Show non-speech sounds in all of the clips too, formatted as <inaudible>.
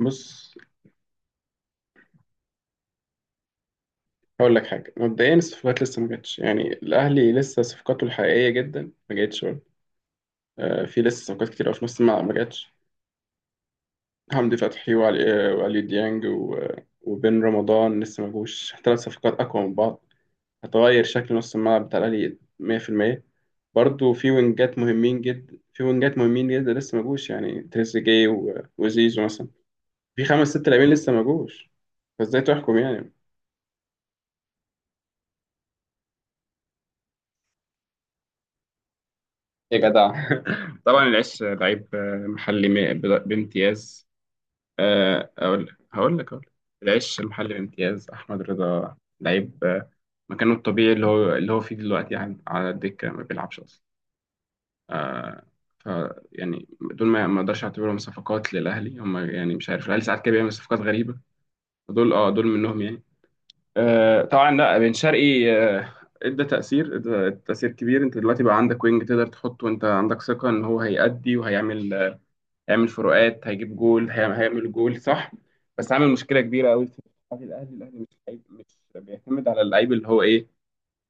بص، هقول لك حاجة مبدئيا. الصفقات لسه ما جاتش، يعني الأهلي لسه صفقاته الحقيقية جدا ما جاتش برضه. في لسه صفقات كتير أوي في نص الملعب ما جاتش. حمدي فتحي وعلي ديانج وبن رمضان لسه ما جوش. 3 صفقات أقوى من بعض، هتغير شكل نص الملعب بتاع الأهلي 100%. برضه في وينجات مهمين جدا، في وينجات مهمين جدا لسه ما جوش، يعني تريزيجيه وزيزو مثلا. في خمس ست لاعبين لسه ما جوش، فازاي تحكم يعني؟ يا جدع، <laughs> طبعا العش لعيب، محلي بامتياز. آه، اقول لك هقول لك أقول لك. العش المحلي بامتياز. احمد رضا لعيب، مكانه الطبيعي اللي هو فيه دلوقتي، يعني على الدكه ما بيلعبش اصلا. ف يعني دول ما اقدرش اعتبرهم صفقات للاهلي. هم يعني، مش عارف، الاهلي ساعات كده بيعمل صفقات غريبه. دول منهم يعني. طبعا، لا بن شرقي، ادى تأثير ادى تأثير كبير. انت دلوقتي بقى عندك وينج تقدر تحطه، وانت عندك ثقة ان هو هيأدي وهيعمل، هيعمل فروقات، هيجيب جول، هيعمل جول، صح. بس عامل مشكله كبيره قوي في دفاع الاهلي مش لعيب، مش بيعتمد على اللعيب، اللي هو ايه؟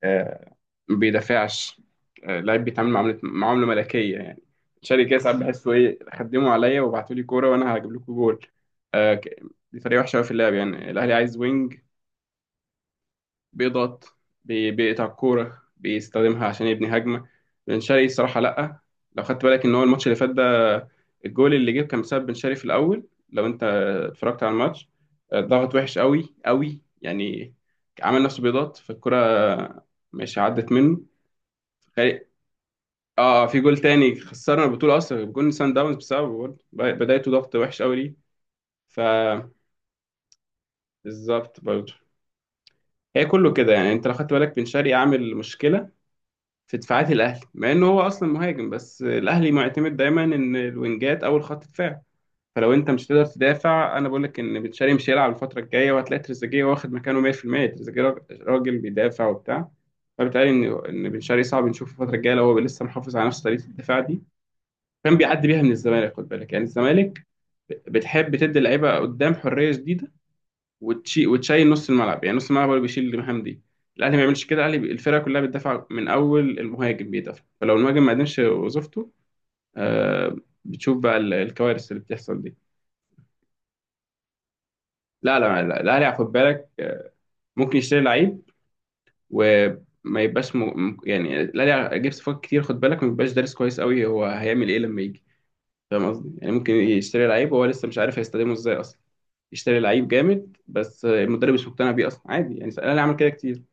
آه، ما بيدافعش. آه، لعيب بيتعامل معامله معامله ملكيه، يعني تشاري كده. ساعات بحسه ايه، خدموا عليا وابعتوا لي كوره وانا هجيب لكم جول. آه ك- دي طريقه وحشه قوي في اللعب. يعني الاهلي عايز وينج بيضغط، بيقطع الكورة بيستخدمها عشان يبني هجمة. بن شرقي الصراحة لأ، لو خدت بالك إن هو الماتش اللي فات ده، الجول اللي جه كان بسبب بن شرقي في الأول، لو أنت اتفرجت على الماتش. ضغط وحش قوي قوي يعني، عمل نفسه بيضغط فالكرة، مش عدت منه. خي- اه، في جول تاني خسرنا البطولة أصلا، جول سان داونز بسببه برضه. بدايته ضغط وحش قوي ليه. فبالظبط برضه. هي كله كده يعني، أنت لو خدت بالك بن شرقي عامل مشكلة في دفاعات الاهلي، مع انه هو اصلا مهاجم، بس الاهلي معتمد دايما ان الوينجات اول خط دفاع. فلو انت مش تقدر تدافع، انا بقول لك ان بن شرقي مش هيلعب الفتره الجايه، وهتلاقي تريزيجيه واخد مكانه 100%. تريزيجيه راجل بيدافع وبتاع، فبالتالي ان بن شرقي صعب نشوفه الفتره الجايه لو هو لسه محافظ على نفس طريقه الدفاع دي، كان بيعدي بيها من الزمالك. خد بالك يعني، الزمالك بتحب تدي اللعيبه قدام حريه شديده، وتشيل نص الملعب. يعني نص الملعب هو اللي بيشيل المهام دي. الاهلي ما بيعملش كده، الفرقه كلها بتدافع من اول المهاجم، بيدافع، فلو المهاجم ما قدمش وظيفته، آه، بتشوف بقى الكوارث اللي بتحصل دي. لا، لا، لا، الاهلي خد بالك، ممكن يشتري لعيب وما يبقاش يعني، الاهلي جاب صفقات كتير خد بالك ما بيبقاش دارس كويس قوي هو هيعمل ايه لما يجي. فاهم قصدي؟ يعني ممكن يشتري لعيب وهو لسه مش عارف هيستخدمه ازاي اصلا. يشتري لعيب جامد بس، المدرب مش مقتنع بيه اصلا، عادي، يعني الاهلي عمل كده كتير.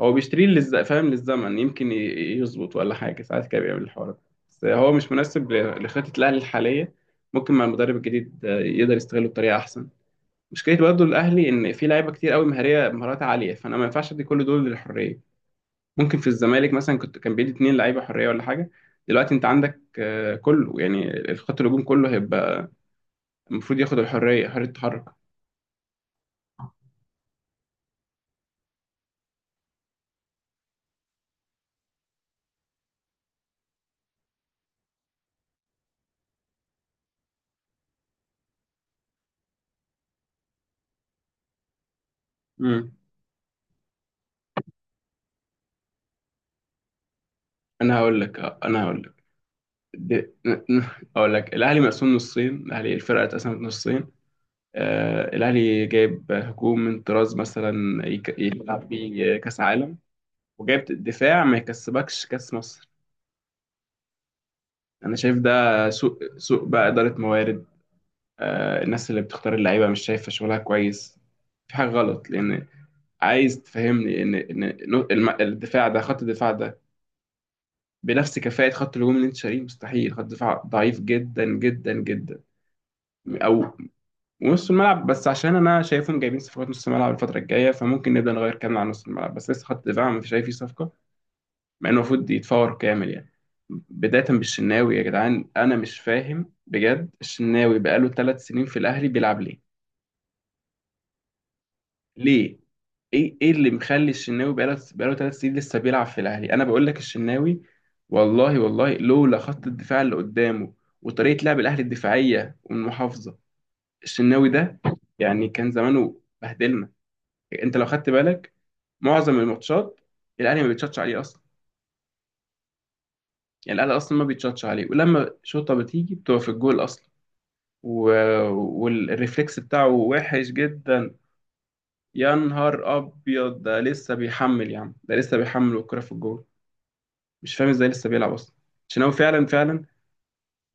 هو بيشتريه فاهم، للزمن، يمكن يظبط ولا حاجة، ساعات كده بيعمل الحوار ده. بس هو مش مناسب لخطة الأهلي الحالية. ممكن مع المدرب الجديد، يقدر يستغله بطريقة أحسن. مشكلة برضه الأهلي إن في لعيبة كتير قوي مهارية، مهارات عالية، فأنا ما ينفعش أدي كل دول للحرية. ممكن في الزمالك مثلا كنت كان بيدي 2 لعيبة حرية ولا حاجة. دلوقتي أنت عندك، كله، يعني الخط الهجوم كله هيبقى المفروض ياخد الحرية، حرية التحرك. مم. أنا هقول لك، أنا هقول لك د- <laughs> اقول لك، الاهلي مقسوم نصين، الفرقه اتقسمت نصين. آه، الاهلي جايب هجوم من طراز مثلا يلعب بيه كاس عالم، وجايب دفاع ما يكسبكش كاس مصر. انا شايف ده سوء سوء بقى اداره موارد. آه، الناس اللي بتختار اللعيبه مش شايفه شغلها كويس، في حاجه غلط. لان عايز تفهمني ان ان إن الم- الدفاع ده، خط الدفاع ده بنفس كفاءه خط الهجوم اللي انت شاريه؟ مستحيل، خط دفاع ضعيف جدا جدا جدا. او، ونص الملعب بس، عشان انا شايفهم جايبين صفقات نص الملعب الفتره الجايه، فممكن نبدا نغير كلامنا عن نص الملعب. بس لسه خط دفاع مش شايف فيه صفقه، مع انه المفروض يتفور كامل يعني. بدايه بالشناوي، يا جدعان انا مش فاهم بجد الشناوي بقاله 3 سنين في الاهلي بيلعب ليه. ليه؟ ايه اللي مخلي الشناوي بقاله 3 سنين لسه بيلعب في الاهلي؟ انا بقول لك الشناوي، والله والله، لولا خط الدفاع اللي قدامه وطريقه لعب الاهلي الدفاعيه والمحافظه، الشناوي ده يعني كان زمانه بهدلنا. انت لو خدت بالك معظم الماتشات الاهلي ما بيتشطش عليه اصلا، يعني الاهلي اصلا ما بيتشطش عليه، ولما شوطه بتيجي بتبقى في الجول اصلا. و... والريفلكس بتاعه وحش جدا. يا نهار ابيض، ده لسه بيحمل يا عم، ده لسه بيحمل والكرة في الجول. مش فاهم ازاي لسه بيلعب اصلا عشان هو فعلا فعلا.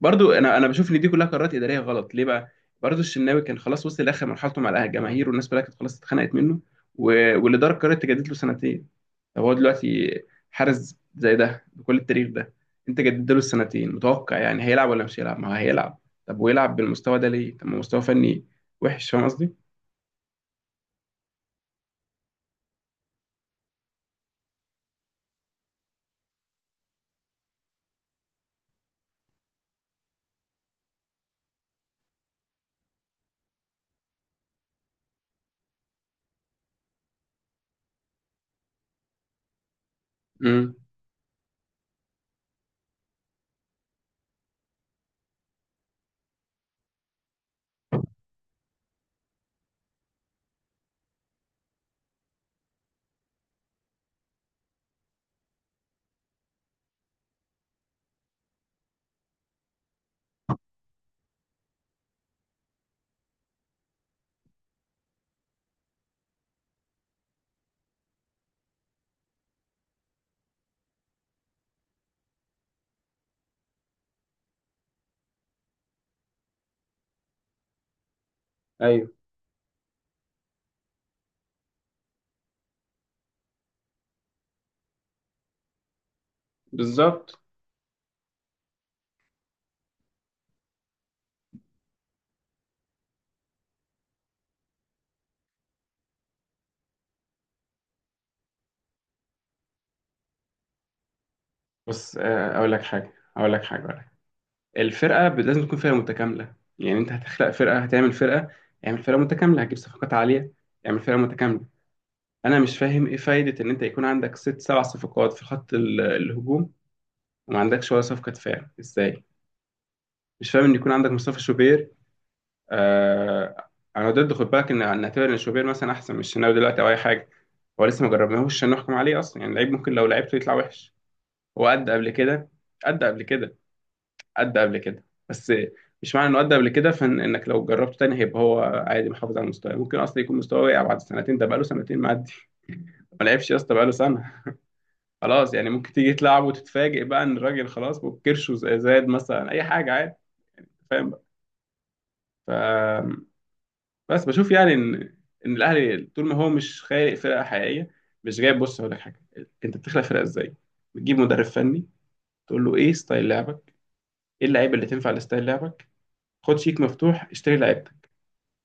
برضو انا بشوف ان دي كلها قرارات اداريه غلط. ليه بقى؟ برضو الشناوي كان خلاص وصل لاخر مرحلته مع الجماهير، والناس كلها كانت خلاص اتخنقت منه. و... والاداره قررت تجدد له سنتين. طب هو دلوقتي حارس زي ده بكل التاريخ ده، انت جددت له السنتين متوقع يعني هيلعب ولا مش هيلعب؟ ما هو هيلعب. طب ويلعب بالمستوى ده ليه؟ طب ما هو مستوى فني وحش. فاهم قصدي؟ امم. ايوه. بالظبط. بص، اقول لك حاجه، اقول لك حاجه. الفرقة لازم تكون فرقة متكاملة. يعني انت هتخلق فرقة، هتعمل فرقة، اعمل فرقة متكاملة، هتجيب صفقات عالية، اعمل فرقة متكاملة. انا مش فاهم ايه فايدة ان انت يكون عندك ست سبع صفقات في خط الهجوم وما عندكش ولا صفقة دفاع؟ ازاي؟ مش فاهم ان يكون عندك مصطفى شوبير. آه، انا ضد خد بالك ان نعتبر ان شوبير مثلا احسن من الشناوي دلوقتي او اي حاجة. هو لسه ما جربناهوش عشان نحكم عليه اصلا، يعني لعيب ممكن لو لعبته يطلع وحش. هو قد قبل كده، قد قبل كده، قد قبل كده، بس مش معنى انه قد قبل كده فان انك لو جربته تاني هيبقى هو عادي محافظ على المستوى. ممكن اصلا يكون مستواه واقع بعد سنتين، ده بقاله سنتين معدي، ما لعبش يا اسطى بقاله سنه. خلاص يعني ممكن تيجي تلعب وتتفاجئ بقى ان الراجل خلاص كرشه زاد مثلا، اي حاجه عادي، فاهم بقى. ف بس بشوف يعني ان الاهلي طول ما هو مش خالق فرقه حقيقيه، مش جايب، بص هقول لك حاجه. انت بتخلق فرقه ازاي؟ بتجيب مدرب فني، تقول له ايه ستايل لعبك؟ ايه اللعيبه اللي تنفع لستايل لعبك؟ خد شيك مفتوح، اشتري لعيبه.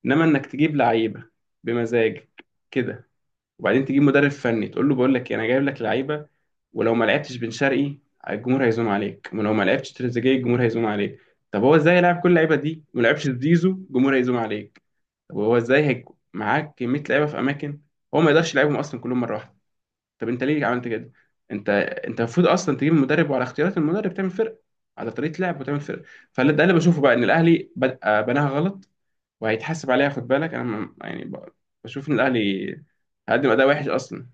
انما انك تجيب لعيبه بمزاجك كده، وبعدين تجيب مدرب فني تقول له بقول لك إيه، انا جايب لك لعيبه، ولو ما لعبتش بن شرقي الجمهور هيزوم عليك، ولو ما لعبتش تريزيجيه الجمهور هيزوم عليك، طب هو ازاي يلعب كل اللعيبه دي وما لعبش زيزو الجمهور هيزوم عليك. طب هو ازاي هيك، معاك كميه لعيبه في اماكن هو ما يقدرش يلعبهم اصلا كلهم مره واحده؟ طب انت ليه عملت كده؟ انت انت المفروض اصلا تجيب مدرب، وعلى اختيارات المدرب تعمل فرق، على طريقه لعب وتعمل فرق. فده اللي بشوفه بقى، ان الاهلي بدأ بناها غلط، وهيتحاسب عليها. خد بالك انا يعني بشوف ان الاهلي هقدم اداء وحش اصلا.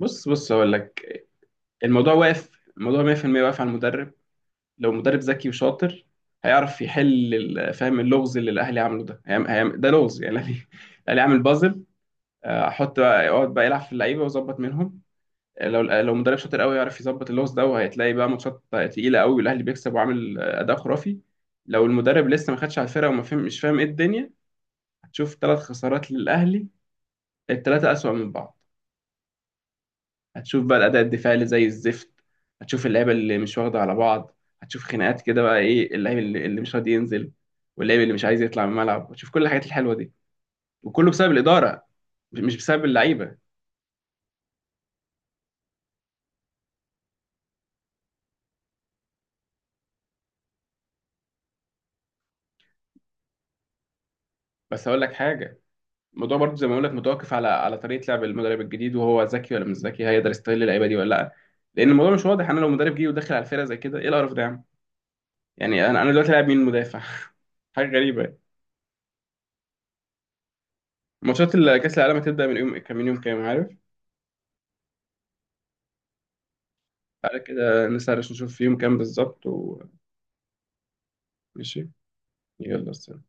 بص بص اقول لك، الموضوع واقف، الموضوع 100% واقف على المدرب. لو مدرب ذكي وشاطر، هيعرف يحل فاهم اللغز اللي الاهلي عمله ده، ده لغز يعني. الاهلي، الاهلي عامل بازل، آه، احط بقى، اقعد بقى يلعب في اللعيبه ويظبط منهم. آه، لو مدرب شاطر قوي يعرف يظبط اللغز ده، وهتلاقي بقى ماتشات تقيله قوي والاهلي بيكسب وعامل، اداء خرافي. لو المدرب لسه ما خدش على الفرقه وما فهم، مش فاهم ايه الدنيا، هتشوف 3 خسارات للاهلي، التلاتة أسوأ من بعض. هتشوف بقى الأداء الدفاعي اللي زي الزفت، هتشوف اللعيبة اللي مش واخدة على بعض، هتشوف خناقات كده بقى، إيه اللعيب اللي مش راضي ينزل، واللعيب اللي مش عايز يطلع من الملعب، هتشوف كل الحاجات الحلوة دي، وكله بسبب الإدارة مش بسبب اللعيبة. بس هقول لك حاجة، الموضوع برضه زي ما بقول لك متوقف على طريقة لعب المدرب الجديد، وهو ذكي ولا مش ذكي، هيقدر يستغل اللعيبة دي ولا لأ، لأن الموضوع مش واضح. أنا لو مدرب جه ودخل على الفرقة زي كده، إيه القرف ده يا عم؟ يعني أنا دلوقتي لاعب مين مدافع؟ <laughs> حاجة غريبة. ماتشات كأس العالم هتبدأ من يوم كام، من يوم كام عارف؟ تعالى كده نسهرش نشوف في يوم كام بالظبط وماشي. يلا، سلام.